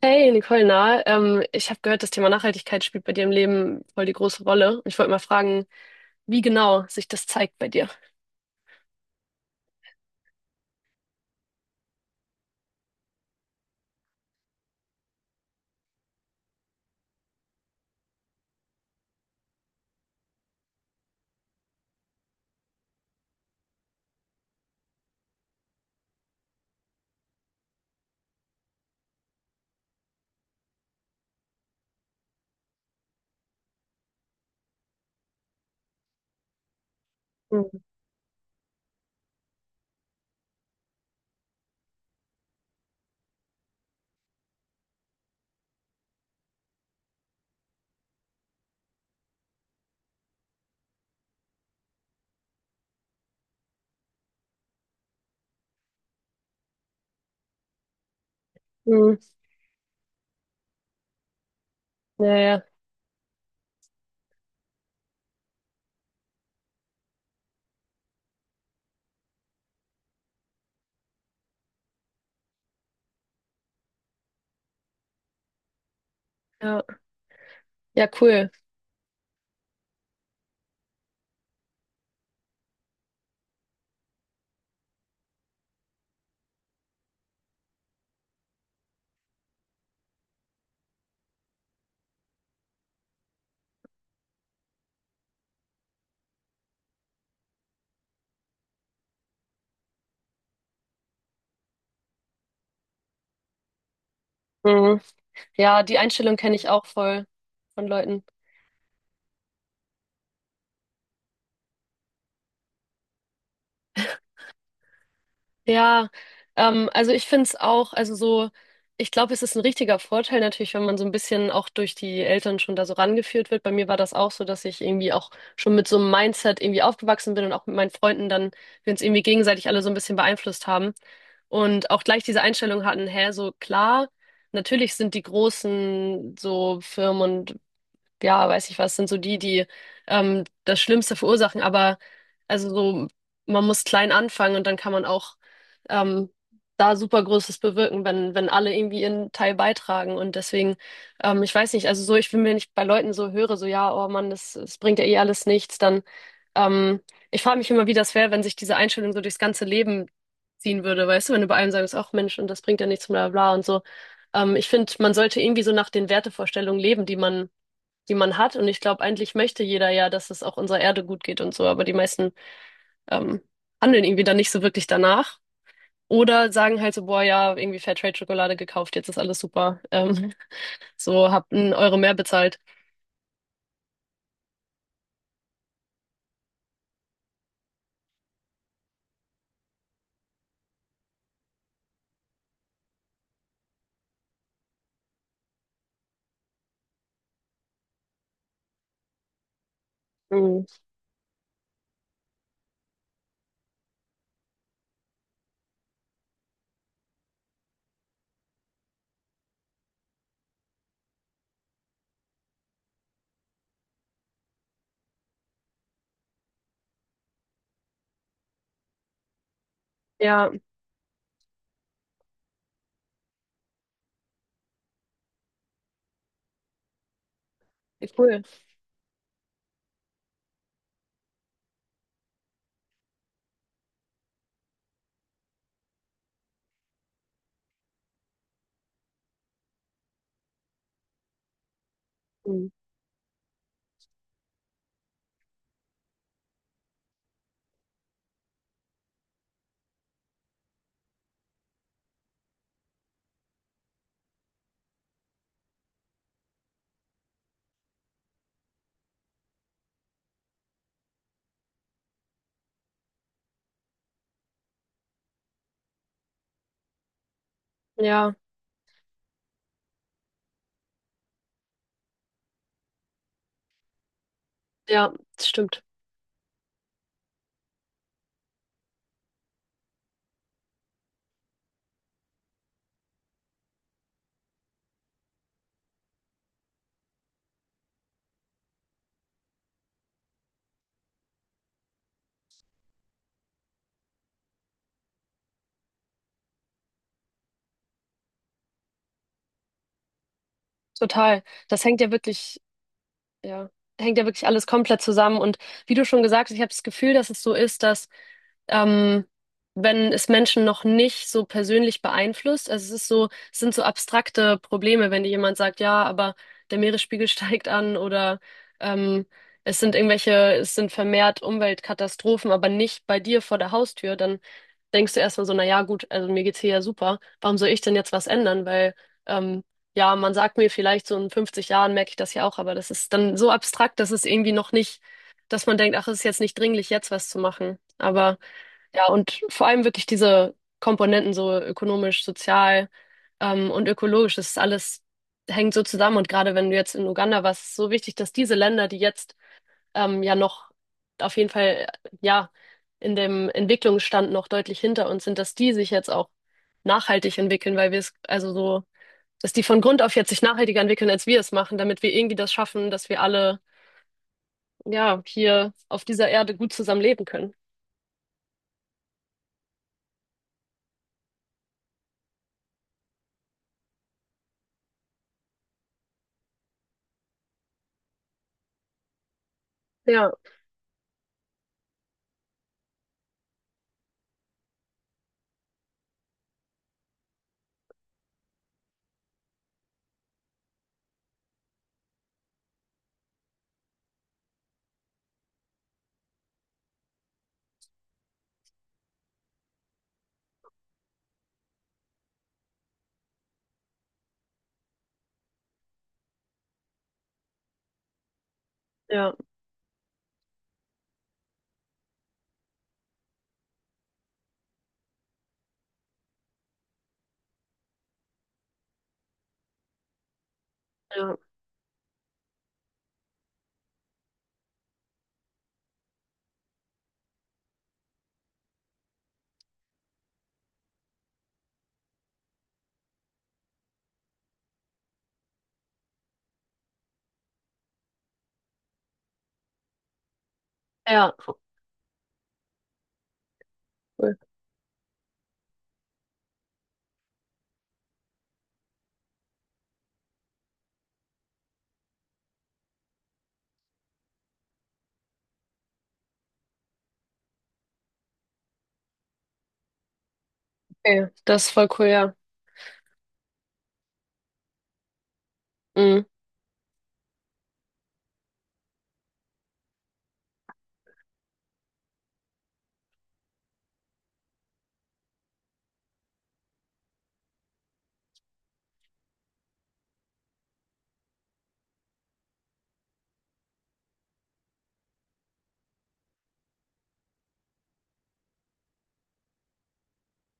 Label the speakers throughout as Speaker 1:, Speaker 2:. Speaker 1: Hey Nicole, na, ich habe gehört, das Thema Nachhaltigkeit spielt bei dir im Leben voll die große Rolle. Und ich wollte mal fragen, wie genau sich das zeigt bei dir. Mhm. Mhm. Ja, ja, ja, ja, cool. Mhm. Ja, die Einstellung kenne ich auch voll von Leuten. Ja, also ich finde es auch, also so, ich glaube, es ist ein richtiger Vorteil natürlich, wenn man so ein bisschen auch durch die Eltern schon da so rangeführt wird. Bei mir war das auch so, dass ich irgendwie auch schon mit so einem Mindset irgendwie aufgewachsen bin und auch mit meinen Freunden dann, wir uns irgendwie gegenseitig alle so ein bisschen beeinflusst haben, und auch gleich diese Einstellung hatten, hä, so klar, natürlich sind die großen so Firmen, ja, weiß ich was, sind so die, die das Schlimmste verursachen. Aber, also so, man muss klein anfangen und dann kann man auch ähm, da super Großes bewirken, wenn, wenn alle irgendwie ihren Teil beitragen. Und deswegen, ich weiß nicht, also so, ich will mir nicht bei Leuten so höre, so ja, oh Mann, das, das bringt ja eh alles nichts, dann, ähm, ich frage mich immer, wie das wäre, wenn sich diese Einstellung so durchs ganze Leben ziehen würde, weißt du, wenn du bei einem sagst, ach Mensch, und das bringt ja nichts, bla bla bla und so. Ich finde, man sollte irgendwie so nach den Wertevorstellungen leben, die man hat. Und ich glaube, eigentlich möchte jeder ja, dass es auch unserer Erde gut geht und so, aber die meisten ähm, handeln irgendwie dann nicht so wirklich danach. Oder sagen halt so, boah, ja, irgendwie Fairtrade-Schokolade gekauft, jetzt ist alles super. So, habt einen Euro mehr bezahlt. Mhm. Ja, cool. Mhm. Ja, ja, das stimmt. Total. Das hängt ja wirklich. Ja, hängt ja wirklich alles komplett zusammen. Und wie du schon gesagt hast, ich habe das Gefühl, dass es so ist, dass ähm, wenn es Menschen noch nicht so persönlich beeinflusst, also es ist so, es sind so abstrakte Probleme, wenn dir jemand sagt, ja, aber der Meeresspiegel steigt an oder ähm, es sind irgendwelche, es sind vermehrt Umweltkatastrophen, aber nicht bei dir vor der Haustür, dann denkst du erstmal so, na ja, gut, also mir geht's hier ja super, warum soll ich denn jetzt was ändern? Weil, ähm, ja, man sagt mir vielleicht so in 50 Jahren merke ich das ja auch, aber das ist dann so abstrakt, dass es irgendwie noch nicht, dass man denkt, ach, es ist jetzt nicht dringlich, jetzt was zu machen. Aber ja, und vor allem wirklich diese Komponenten, so ökonomisch, sozial, und ökologisch, das ist alles, hängt so zusammen. Und gerade wenn du jetzt in Uganda warst, ist es so wichtig, dass diese Länder, die jetzt ja noch, auf jeden Fall, ja, in dem Entwicklungsstand noch deutlich hinter uns sind, dass die sich jetzt auch nachhaltig entwickeln, weil wir es, also so, dass die von Grund auf jetzt sich nachhaltiger entwickeln, als wir es machen, damit wir irgendwie das schaffen, dass wir alle, ja, hier auf dieser Erde gut zusammen leben können. Ja, ja, ja, ja. Cool. Okay, das ist voll cool, ja. Mhm.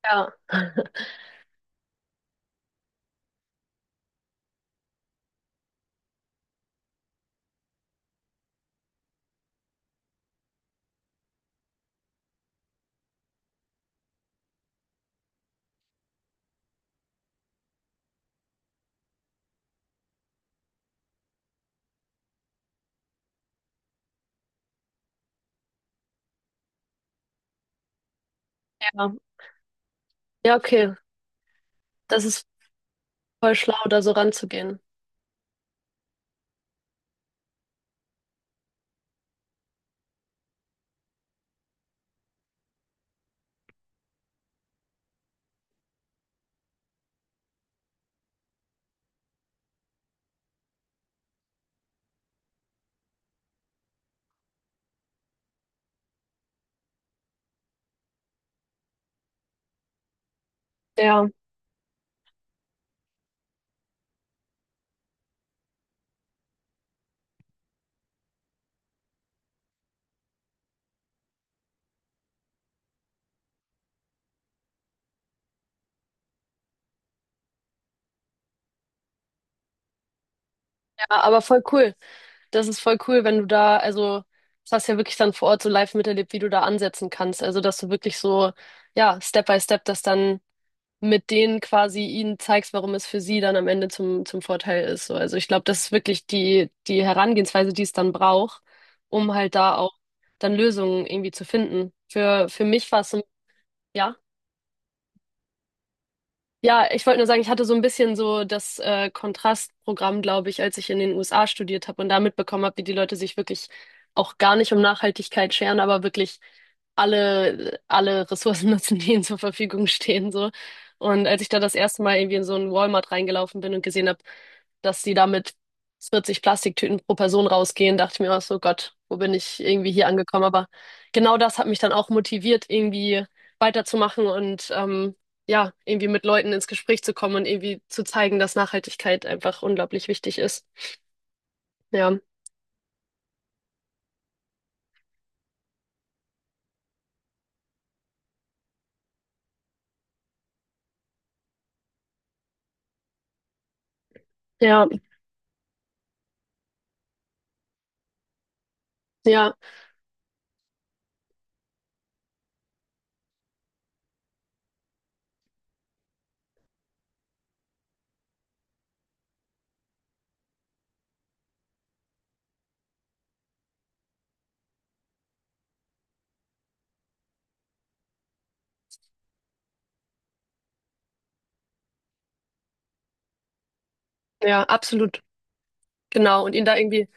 Speaker 1: Ja, ja, ja, okay. Das ist voll schlau, da so ranzugehen. Ja, ja, aber voll cool. Das ist voll cool, wenn du da, also, das hast du ja wirklich dann vor Ort so live miterlebt, wie du da ansetzen kannst. Also, dass du wirklich so, ja, Step by Step das dann mit denen quasi ihnen zeigst, warum es für sie dann am Ende zum, zum Vorteil ist. So, also ich glaube, das ist wirklich die, die Herangehensweise, die es dann braucht, um halt da auch dann Lösungen irgendwie zu finden. Für mich war es so, ja. Ja, ich wollte nur sagen, ich hatte so ein bisschen so das Kontrastprogramm, glaube ich, als ich in den USA studiert habe und da mitbekommen habe, wie die Leute sich wirklich auch gar nicht um Nachhaltigkeit scheren, aber wirklich alle, alle Ressourcen nutzen, die ihnen zur Verfügung stehen, so. Und als ich da das erste Mal irgendwie in so einen Walmart reingelaufen bin und gesehen habe, dass sie da mit 40 Plastiktüten pro Person rausgehen, dachte ich mir auch so, Gott, wo bin ich irgendwie hier angekommen? Aber genau das hat mich dann auch motiviert, irgendwie weiterzumachen und ja, irgendwie mit Leuten ins Gespräch zu kommen und irgendwie zu zeigen, dass Nachhaltigkeit einfach unglaublich wichtig ist. Ja, ja, ja, ja, absolut. Genau. Und ihn da irgendwie,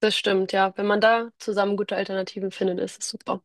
Speaker 1: das stimmt, ja. Wenn man da zusammen gute Alternativen findet, ist es super.